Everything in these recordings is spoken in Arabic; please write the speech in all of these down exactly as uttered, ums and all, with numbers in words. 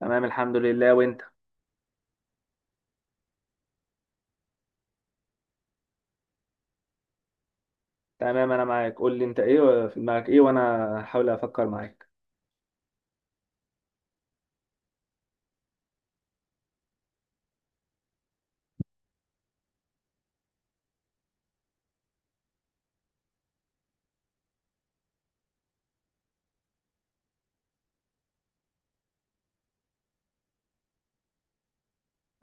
تمام، الحمد لله. وانت؟ تمام. انا معاك، قول لي انت ايه في دماغك، ايه وانا هحاول افكر معاك.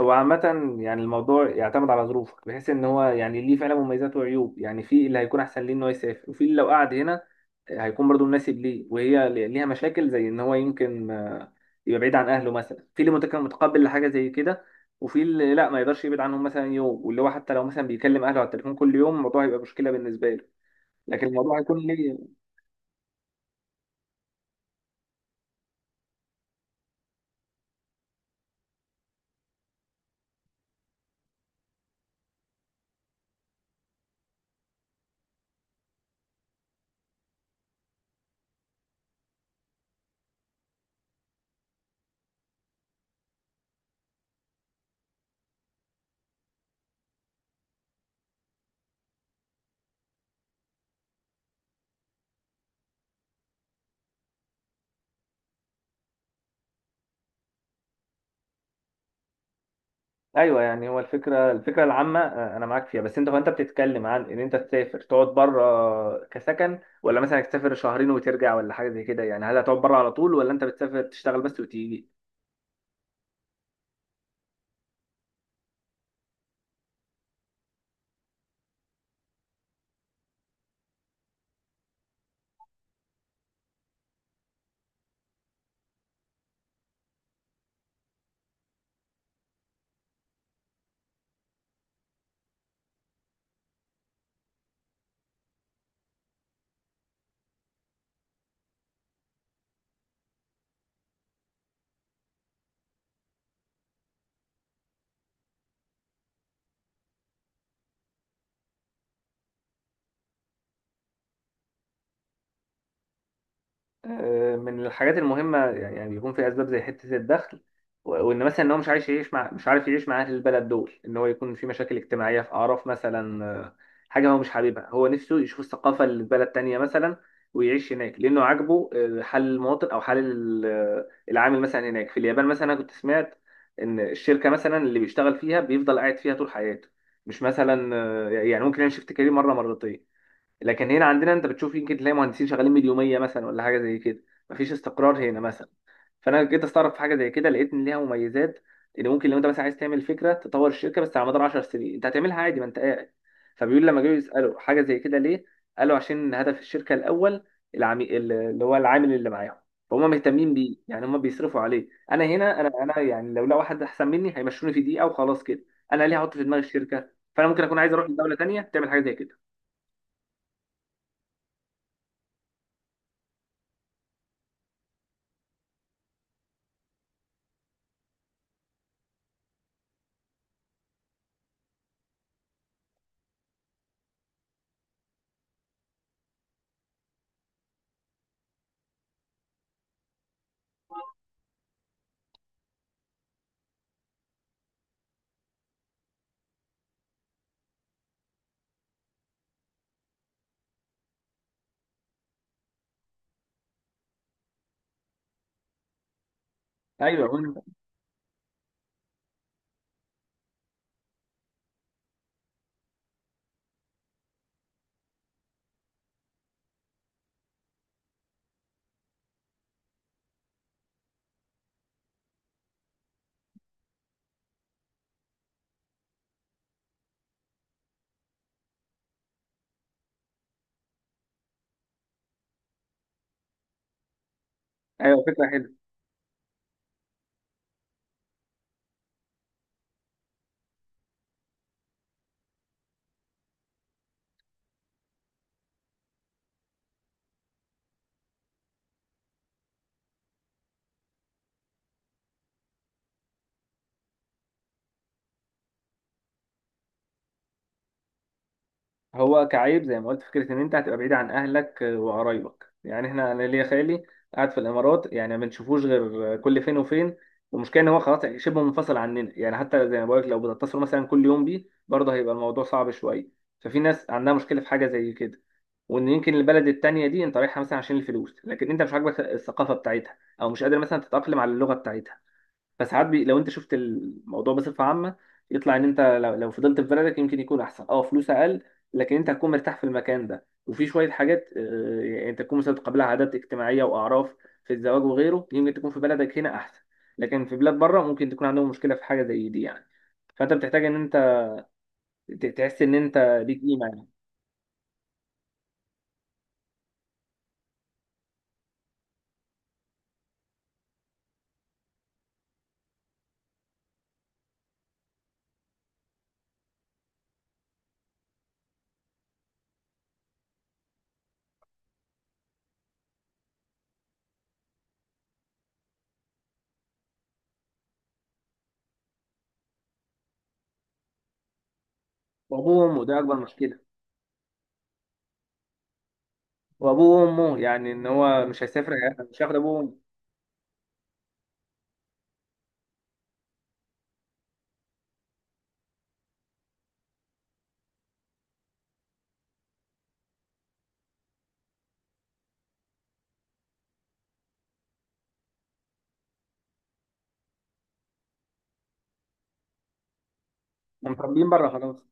هو عامة يعني الموضوع يعتمد على ظروفك، بحيث ان هو يعني ليه فعلا مميزات وعيوب. يعني في اللي هيكون احسن ليه ان هو يسافر، وفي اللي لو قعد هنا هيكون برضه مناسب ليه. وهي ل- ليها مشاكل زي ان هو يمكن آه، يبقى بعيد عن اهله مثلا. في اللي متك- متقبل لحاجة زي كده، وفي اللي لا ما يقدرش يبعد عنهم مثلا يوم، واللي هو حتى لو مثلا بيكلم اهله على التليفون كل يوم الموضوع هيبقى مشكلة بالنسبة له. لكن الموضوع هيكون ليه. ايوه، يعني هو الفكره الفكره العامه، آه، انا معاك فيها. بس انت، هو انت بتتكلم عن ان انت تسافر تقعد بره كسكن، ولا مثلا تسافر شهرين وترجع، ولا حاجه زي كده؟ يعني هل هتقعد بره على طول، ولا انت بتسافر تشتغل بس وتيجي؟ آه، من الحاجات المهمة، يعني يعني بيكون في أسباب زي حتة الدخل. و- وإن مثلا إن هو مش عايش يعيش مع مش عارف يعيش مع أهل البلد دول، إن هو يكون في مشاكل اجتماعية في أعراف مثلا، آه، حاجة هو مش حاببها. هو نفسه يشوف الثقافة اللي في بلد تانية مثلا ويعيش هناك لأنه عاجبه، آه، حال المواطن أو حال ال- آه، العامل مثلا هناك. في اليابان مثلا أنا كنت سمعت إن الشركة مثلا اللي بيشتغل فيها بيفضل قاعد فيها طول حياته، مش مثلا آه، يعني ممكن يعمل شيفت كارير مرة مرتين. لكن هنا عندنا انت بتشوف يمكن تلاقي مهندسين شغالين مليوميه مثلا، ولا حاجه زي كده. مفيش استقرار هنا مثلا. فانا جيت استغرب في حاجه زي كده، لقيت ان ليها مميزات. ان ممكن لو انت مثلا عايز تعمل فكره تطور الشركه، بس على مدار 10 سنين انت هتعملها عادي ما انت قاعد. فبيقول لما جاوا يسالوا حاجه زي كده ليه، قالوا عشان هدف الشركه الاول، العمي... اللي هو العامل اللي معاهم. فهم مهتمين بيه، يعني هم بيصرفوا عليه. انا هنا، انا انا يعني لو لقوا واحد احسن مني هيمشوني في دقيقه وخلاص كده. انا ليه هحط في دماغي الشركه؟ فانا ممكن اكون عايز اروح لدوله تانيه تعمل حاجه زي كده. ايوه، ايوه، فكره حلوه. هو كعيب زي ما قلت فكره ان انت هتبقى بعيد عن اهلك وقرايبك. يعني احنا، انا ليا خالي قاعد في الامارات يعني ما بنشوفوش غير كل فين وفين. والمشكله ان هو خلاص يعني شبه منفصل عننا. يعني حتى زي ما بقولك لو بتتصل مثلا كل يوم بيه برضه هيبقى الموضوع صعب شويه. ففي ناس عندها مشكله في حاجه زي كده. وان يمكن البلد التانيه دي انت رايحها مثلا عشان الفلوس، لكن انت مش عاجبك الثقافه بتاعتها، او مش قادر مثلا تتاقلم على اللغه بتاعتها. فساعات بي... لو انت شفت الموضوع بصفه عامه، يطلع ان انت لو, لو فضلت في بلدك يمكن يكون احسن. اه، فلوس اقل، لكن انت هتكون مرتاح في المكان ده. وفي شويه حاجات، آه، يعني انت تكون مثلا بتقابلها عادات اجتماعيه واعراف في الزواج وغيره يمكن تكون في بلدك هنا احسن. لكن في بلاد بره ممكن تكون عندهم مشكله في حاجه زي دي يعني. فانت بتحتاج ان انت ت- تحس ان انت ليك قيمه يعني. وابوه وامه ده اكبر مشكله. وابوه وامه، يعني ان هو مش هيسافر يعني مش هياخد ابوه وامه. هم متربيين بره خلاص.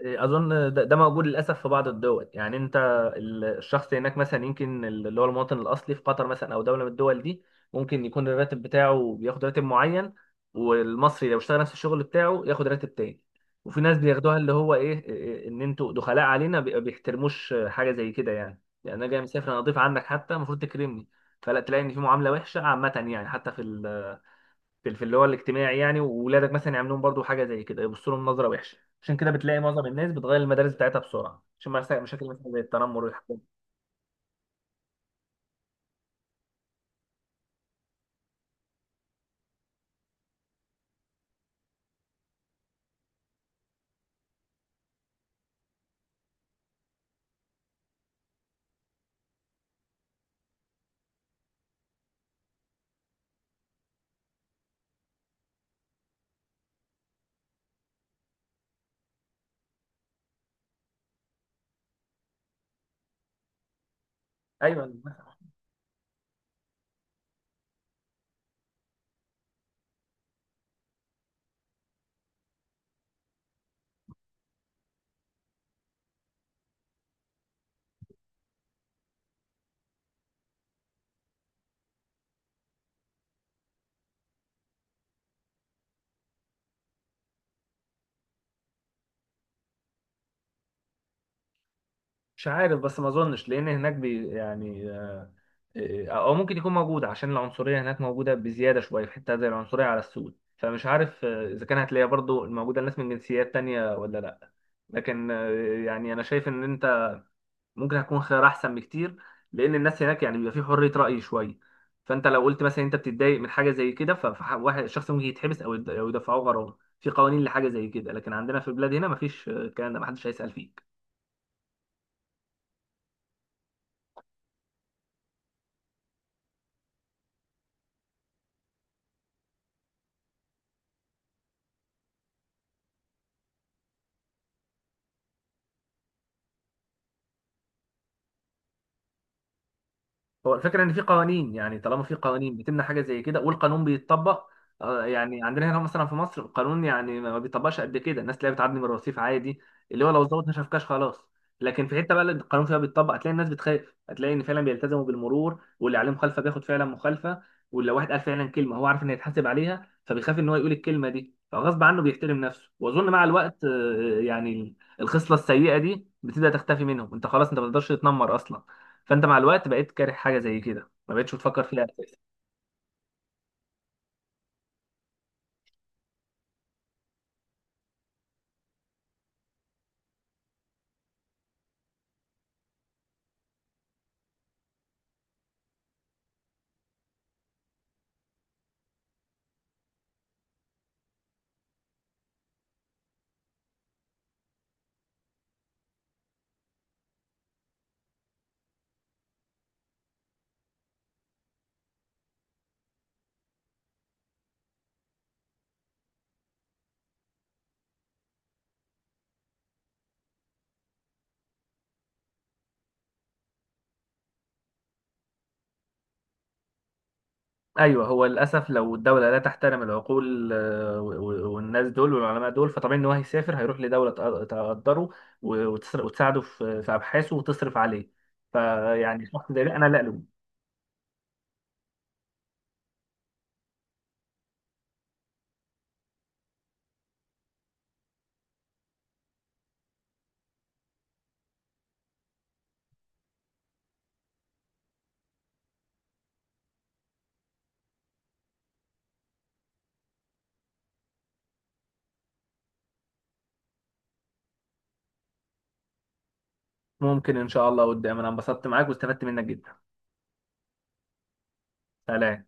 اظن ده ده موجود للاسف في بعض الدول. يعني انت ال- الشخص هناك مثلا يمكن اللي هو المواطن الاصلي في قطر مثلا او دوله من الدول دي، ممكن يكون الراتب بتاعه بياخد راتب معين، والمصري لو اشتغل نفس الشغل بتاعه ياخد راتب تاني. وفي ناس بياخدوها اللي هو ايه إيه، ان انتوا دخلاء علينا، بي- بيحترموش حاجه زي كده. يعني يعني انا جاي مسافر، انا اضيف عنك، حتى المفروض تكرمني. فلا تلاقي ان في معامله وحشه عامه. يعني حتى في في في اللي هو الاجتماعي. يعني وولادك مثلا يعملوا لهم برضو حاجه زي كده، يبصوا لهم نظره وحشه. عشان كده بتلاقي معظم الناس بتغير المدارس بتاعتها بسرعه عشان ما يحصل مشاكل مثلا زي التنمر والحاجات دي. ايوه. مش عارف، بس ما اظنش. لان هناك بي يعني، آه، او ممكن يكون موجود عشان العنصريه هناك موجوده بزياده شويه في حته زي العنصريه على السود. فمش عارف آه، اذا كان هتلاقيها برضو موجوده الناس من جنسيات تانية ولا لا. لكن آه، يعني انا شايف ان انت ممكن هيكون خيار احسن بكتير. لان الناس هناك يعني بيبقى في حريه راي شويه. فانت لو قلت مثلا انت بتتضايق من حاجه زي كده، فواحد شخص ممكن يتحبس او يد- أو يدفعوه غرامه في قوانين لحاجه زي كده. لكن عندنا في البلاد هنا مفيش، آه، الكلام ده محدش هيسال فيه. هو الفكرة إن في قوانين، يعني طالما في قوانين بتمنع حاجة زي كده والقانون بيتطبق. آه، يعني عندنا هنا مثلا في مصر القانون يعني ما بيطبقش قد كده. الناس تلاقيها بتعدي من الرصيف عادي، اللي هو لو الظابط ما شافكاش خلاص. لكن في حتة بقى اللي القانون فيها بيتطبق هتلاقي الناس بتخاف. هتلاقي إن فعلا بيلتزموا بالمرور، واللي عليه مخالفة بياخد فعلا مخالفة. واللي لو واحد قال فعلا كلمة هو عارف إنه يتحاسب عليها فبيخاف إن هو يقول الكلمة دي، فغصب عنه بيحترم نفسه. وأظن مع الوقت، آه، يعني الخصلة السيئة دي بتبدأ تختفي منهم. أنت خلاص أنت ما تقدرش تتنمر أصلا. فانت مع الوقت بقيت كاره حاجه زي كده، ما بقتش بتفكر فيها اساسا. ايوه. هو للاسف لو الدوله لا تحترم العقول، آه، و- و- والناس دول والعلماء دول، فطبيعي ان هو هيسافر هيروح لدوله تق- تقدره و- وتسر- وتساعده في في ابحاثه وتصرف عليه. فيعني شخص زي ده انا لا له. ممكن ان شاء الله قدام. انا انبسطت معاك واستفدت منك جدا. سلام.